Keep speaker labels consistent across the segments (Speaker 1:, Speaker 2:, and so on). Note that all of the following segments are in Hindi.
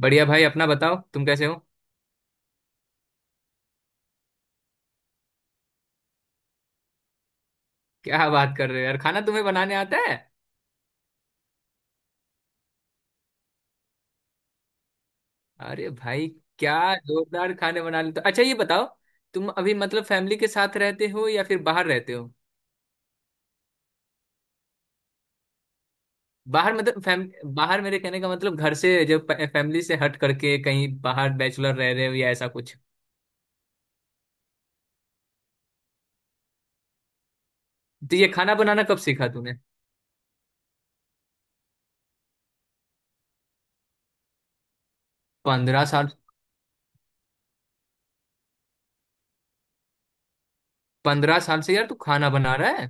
Speaker 1: बढ़िया भाई, अपना बताओ, तुम कैसे हो। क्या बात कर रहे हो यार, खाना तुम्हें बनाने आता है? अरे भाई! क्या? जोरदार खाने बना लेते हो। अच्छा ये बताओ, तुम अभी मतलब फैमिली के साथ रहते हो या फिर बाहर रहते हो? बाहर मतलब फैम बाहर, मेरे कहने का मतलब घर से, जब फैमिली से हट करके कहीं बाहर बैचलर रह रहे हो या ऐसा कुछ। तो ये खाना बनाना कब सीखा तूने? 15 साल? 15 साल से यार तू खाना बना रहा है?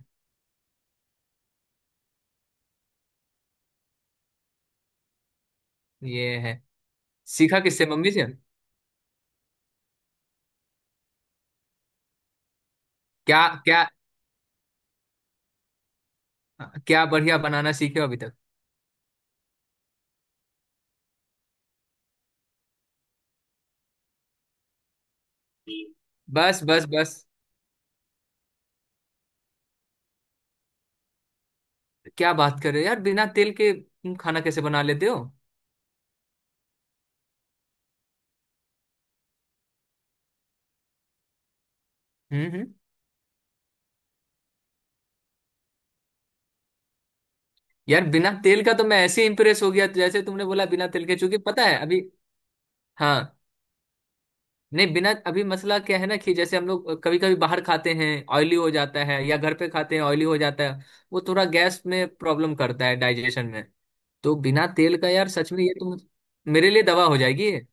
Speaker 1: ये है। सीखा किससे, मम्मी से? क्या क्या? क्या बढ़िया बनाना सीखे हो अभी तक? बस बस बस। क्या बात कर रहे हो यार, बिना तेल के तुम खाना कैसे बना लेते हो? हम्म। यार बिना तेल का तो मैं ऐसे इंप्रेस हो गया, जैसे तुमने बोला बिना तेल के, क्योंकि पता है अभी। हाँ। नहीं, बिना अभी मसला क्या है ना कि जैसे हम लोग कभी कभी बाहर खाते हैं ऑयली हो जाता है, या घर पे खाते हैं ऑयली हो जाता है। वो थोड़ा गैस में प्रॉब्लम करता है, डाइजेशन में। तो बिना तेल का यार सच में, ये तो मेरे लिए दवा हो जाएगी ये।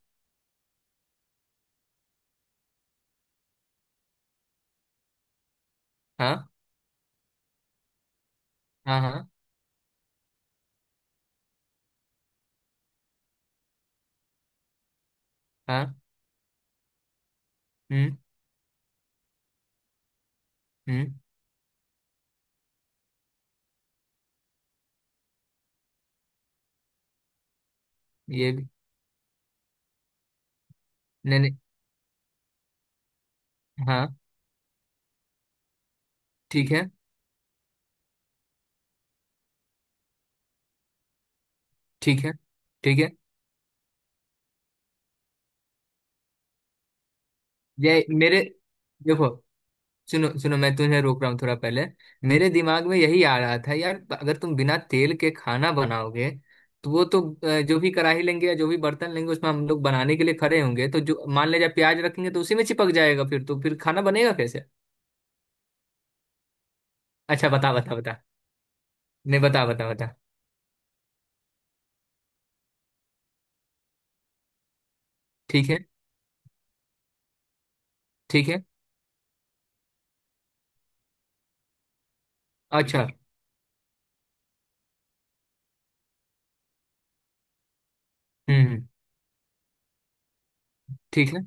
Speaker 1: हाँ हाँ हाँ हाँ। हम्म हम्म। ये भी। नहीं नहीं। हाँ। ठीक है ठीक है ठीक है। ये मेरे देखो, सुनो सुनो, मैं तुम्हें रोक रहा हूँ थोड़ा पहले। मेरे दिमाग में यही आ रहा था यार, अगर तुम बिना तेल के खाना बनाओगे तो वो तो जो भी कढ़ाई लेंगे या जो भी बर्तन लेंगे, उसमें हम लोग बनाने के लिए खड़े होंगे तो जो मान ले जाए प्याज रखेंगे तो उसी में चिपक जाएगा, फिर तो फिर खाना बनेगा कैसे? अच्छा बता बता बता। नहीं बता बता बता। ठीक है ठीक है। अच्छा। हम्म। ठीक है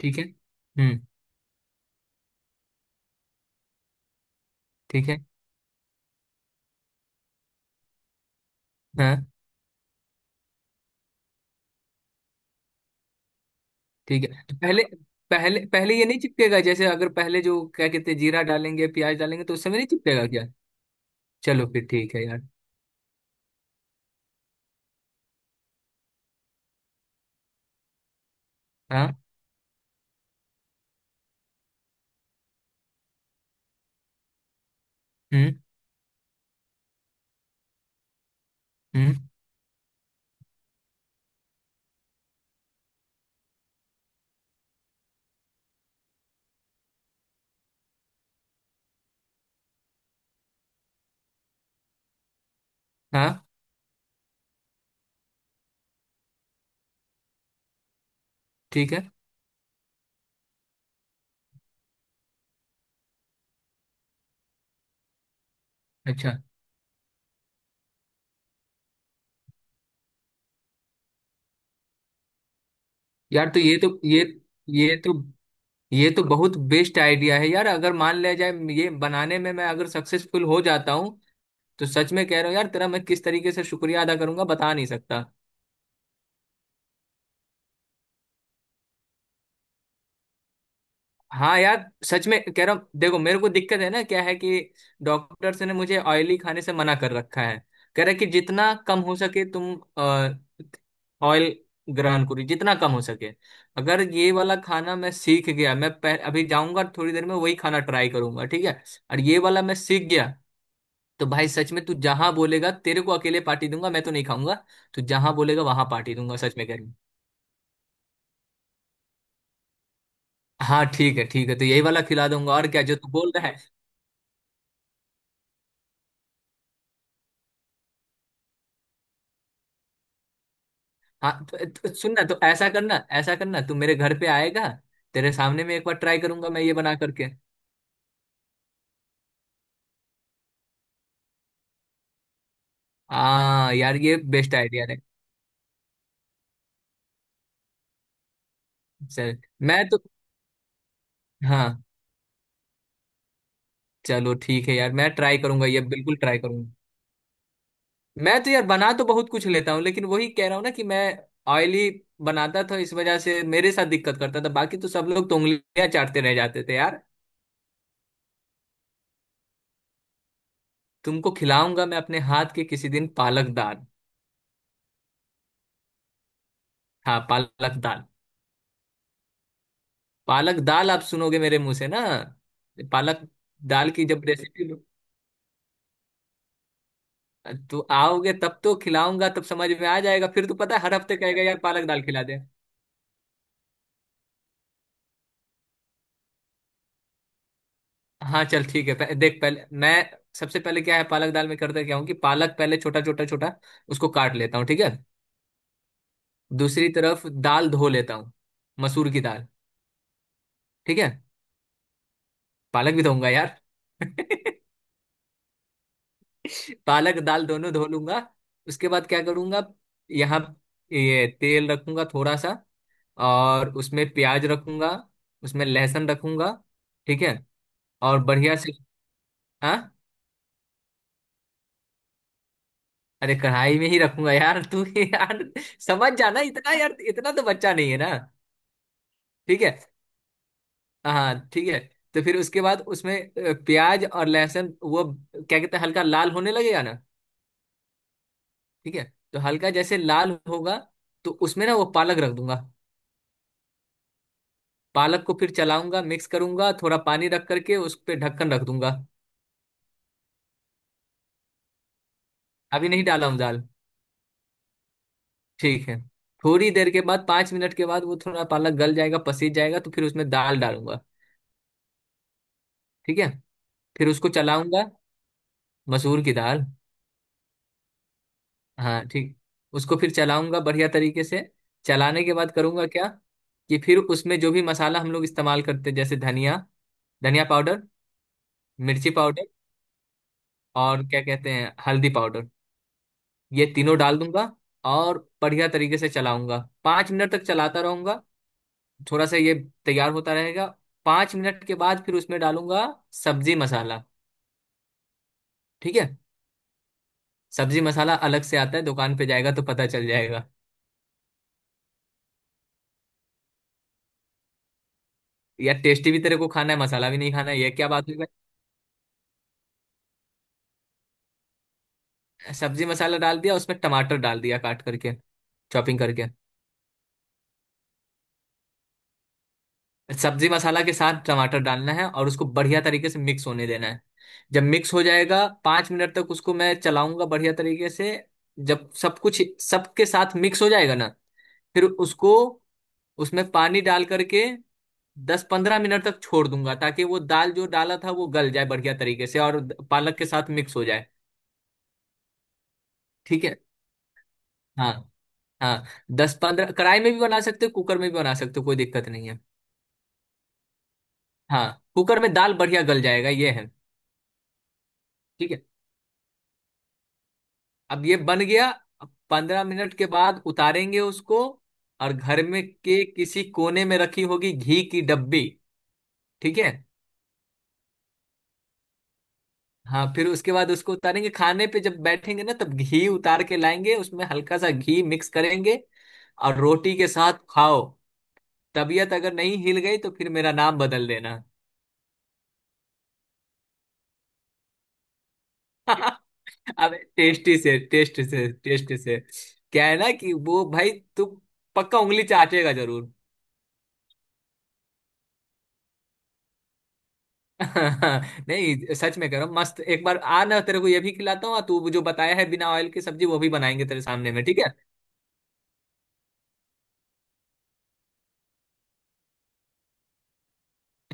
Speaker 1: ठीक है। हम्म। ठीक है। हाँ। ठीक है। तो पहले पहले पहले ये नहीं चिपकेगा, जैसे अगर पहले जो क्या कहते हैं जीरा डालेंगे प्याज डालेंगे तो उस समय नहीं चिपकेगा क्या? चलो फिर ठीक है यार। हाँ। हम्म हम्म। हाँ ठीक है। अच्छा यार, ये तो ये तो बहुत बेस्ट आइडिया है यार, अगर मान लिया जाए ये बनाने में मैं अगर सक्सेसफुल हो जाता हूँ तो सच में कह रहा हूँ यार, तेरा मैं किस तरीके से शुक्रिया अदा करूंगा बता नहीं सकता। हाँ यार सच में कह रहा हूँ, देखो मेरे को दिक्कत है ना क्या है कि डॉक्टर्स ने मुझे ऑयली खाने से मना कर रखा है। कह रहा है कि जितना कम हो सके तुम ऑयल ग्रहण करो, जितना कम हो सके। अगर ये वाला खाना मैं सीख गया, मैं अभी जाऊंगा थोड़ी देर में वही खाना ट्राई करूंगा, ठीक है? और ये वाला मैं सीख गया तो भाई सच में, तू जहां बोलेगा तेरे को अकेले पार्टी दूंगा, मैं तो नहीं खाऊंगा। तू जहां बोलेगा वहां पार्टी दूंगा, सच में कह रही हूँ। हाँ ठीक है ठीक है, तो यही वाला खिला दूंगा और क्या, जो तू बोल रहा है। हाँ तो सुनना, तो ऐसा करना ऐसा करना, तू मेरे घर पे आएगा, तेरे सामने में एक बार ट्राई करूंगा मैं ये बना करके। हाँ यार ये बेस्ट आइडिया है। चल मैं तो हाँ, चलो ठीक है यार मैं ट्राई करूंगा ये, बिल्कुल ट्राई करूंगा। मैं तो यार बना तो बहुत कुछ लेता हूँ, लेकिन वही कह रहा हूँ ना कि मैं ऑयली बनाता था इस वजह से मेरे साथ दिक्कत करता था, बाकी तो सब लोग तो उंगलियां चाटते रह जाते थे यार। तुमको खिलाऊंगा मैं अपने हाथ के किसी दिन पालक दाल। हाँ पालक दाल, पालक दाल आप सुनोगे मेरे मुंह से ना, पालक दाल की जब रेसिपी, तो आओगे तब तो खिलाऊंगा, तब समझ में आ जाएगा, फिर तो पता है हर हफ्ते कहेगा यार पालक दाल खिला दे। हाँ चल ठीक है, देख पहले मैं सबसे पहले क्या है पालक दाल में, करता क्या हूँ कि पालक पहले छोटा छोटा छोटा उसको काट लेता हूँ, ठीक है। दूसरी तरफ दाल धो लेता हूँ, मसूर की दाल। ठीक है, पालक भी धोऊंगा यार पालक दाल दोनों धो लूंगा। उसके बाद क्या करूंगा, यहाँ ये तेल रखूंगा थोड़ा सा, और उसमें प्याज रखूंगा, उसमें लहसुन रखूंगा, ठीक है, और बढ़िया से। हाँ। अरे कढ़ाई में ही रखूंगा यार तू यार, समझ जाना इतना यार, इतना तो बच्चा नहीं है ना। ठीक है। हाँ ठीक है। तो फिर उसके बाद उसमें प्याज और लहसुन वो क्या कहते हैं हल्का लाल होने लगेगा ना, ठीक है। तो हल्का जैसे लाल होगा तो उसमें ना वो पालक रख दूंगा। पालक को फिर चलाऊंगा, मिक्स करूंगा, थोड़ा पानी रख करके उस पर ढक्कन रख दूंगा। अभी नहीं डाला हूँ दाल, ठीक है। थोड़ी देर के बाद, 5 मिनट के बाद वो थोड़ा पालक गल जाएगा, पसीज जाएगा तो फिर उसमें दाल डालूंगा, ठीक है। फिर उसको चलाऊंगा, मसूर की दाल। हाँ ठीक, उसको फिर चलाऊंगा बढ़िया तरीके से। चलाने के बाद करूंगा क्या कि फिर उसमें जो भी मसाला हम लोग इस्तेमाल करते हैं जैसे धनिया, धनिया पाउडर, मिर्ची पाउडर, और क्या कहते हैं हल्दी पाउडर, ये तीनों डाल दूंगा और बढ़िया तरीके से चलाऊंगा। पाँच मिनट तक चलाता रहूंगा, थोड़ा सा ये तैयार होता रहेगा। 5 मिनट के बाद फिर उसमें डालूंगा सब्जी मसाला, ठीक है। सब्जी मसाला अलग से आता है, दुकान पे जाएगा तो पता चल जाएगा। यार टेस्टी भी तेरे को खाना है, मसाला भी नहीं खाना है, ये क्या बात हुई भाई। सब्जी मसाला डाल दिया, उसमें टमाटर डाल दिया काट करके, चॉपिंग करके। सब्जी मसाला के साथ टमाटर डालना है और उसको बढ़िया तरीके से मिक्स होने देना है। जब मिक्स हो जाएगा 5 मिनट तक उसको मैं चलाऊंगा बढ़िया तरीके से। जब सब कुछ सबके साथ मिक्स हो जाएगा ना, फिर उसको उसमें पानी डाल करके 10-15 मिनट तक छोड़ दूंगा ताकि वो दाल जो डाला था वो गल जाए बढ़िया तरीके से और पालक के साथ मिक्स हो जाए। ठीक है। हाँ हाँ। दस पंद्रह, कढ़ाई में भी बना सकते हो, कुकर में भी बना सकते हो, कोई दिक्कत नहीं है। हाँ कुकर में दाल बढ़िया गल जाएगा ये है। ठीक है, अब ये बन गया। अब 15 मिनट के बाद उतारेंगे उसको, और घर में के किसी कोने में रखी होगी घी की डब्बी, ठीक है। हाँ फिर उसके बाद उसको उतारेंगे, खाने पे जब बैठेंगे ना तब घी उतार के लाएंगे, उसमें हल्का सा घी मिक्स करेंगे और रोटी के साथ खाओ। तबीयत अगर नहीं हिल गई तो फिर मेरा नाम बदल देना। अब टेस्टी से टेस्ट से टेस्ट से क्या है ना कि वो भाई, तू पक्का उंगली चाटेगा जरूर। नहीं सच में कह रहा हूँ, मस्त एक बार आ ना, तेरे को ये भी खिलाता हूँ और तू जो बताया है बिना ऑयल की सब्जी वो भी बनाएंगे तेरे सामने में, ठीक है।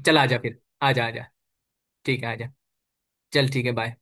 Speaker 1: चल आजा फिर, आजा आजा। ठीक है आजा। चल ठीक है, बाय।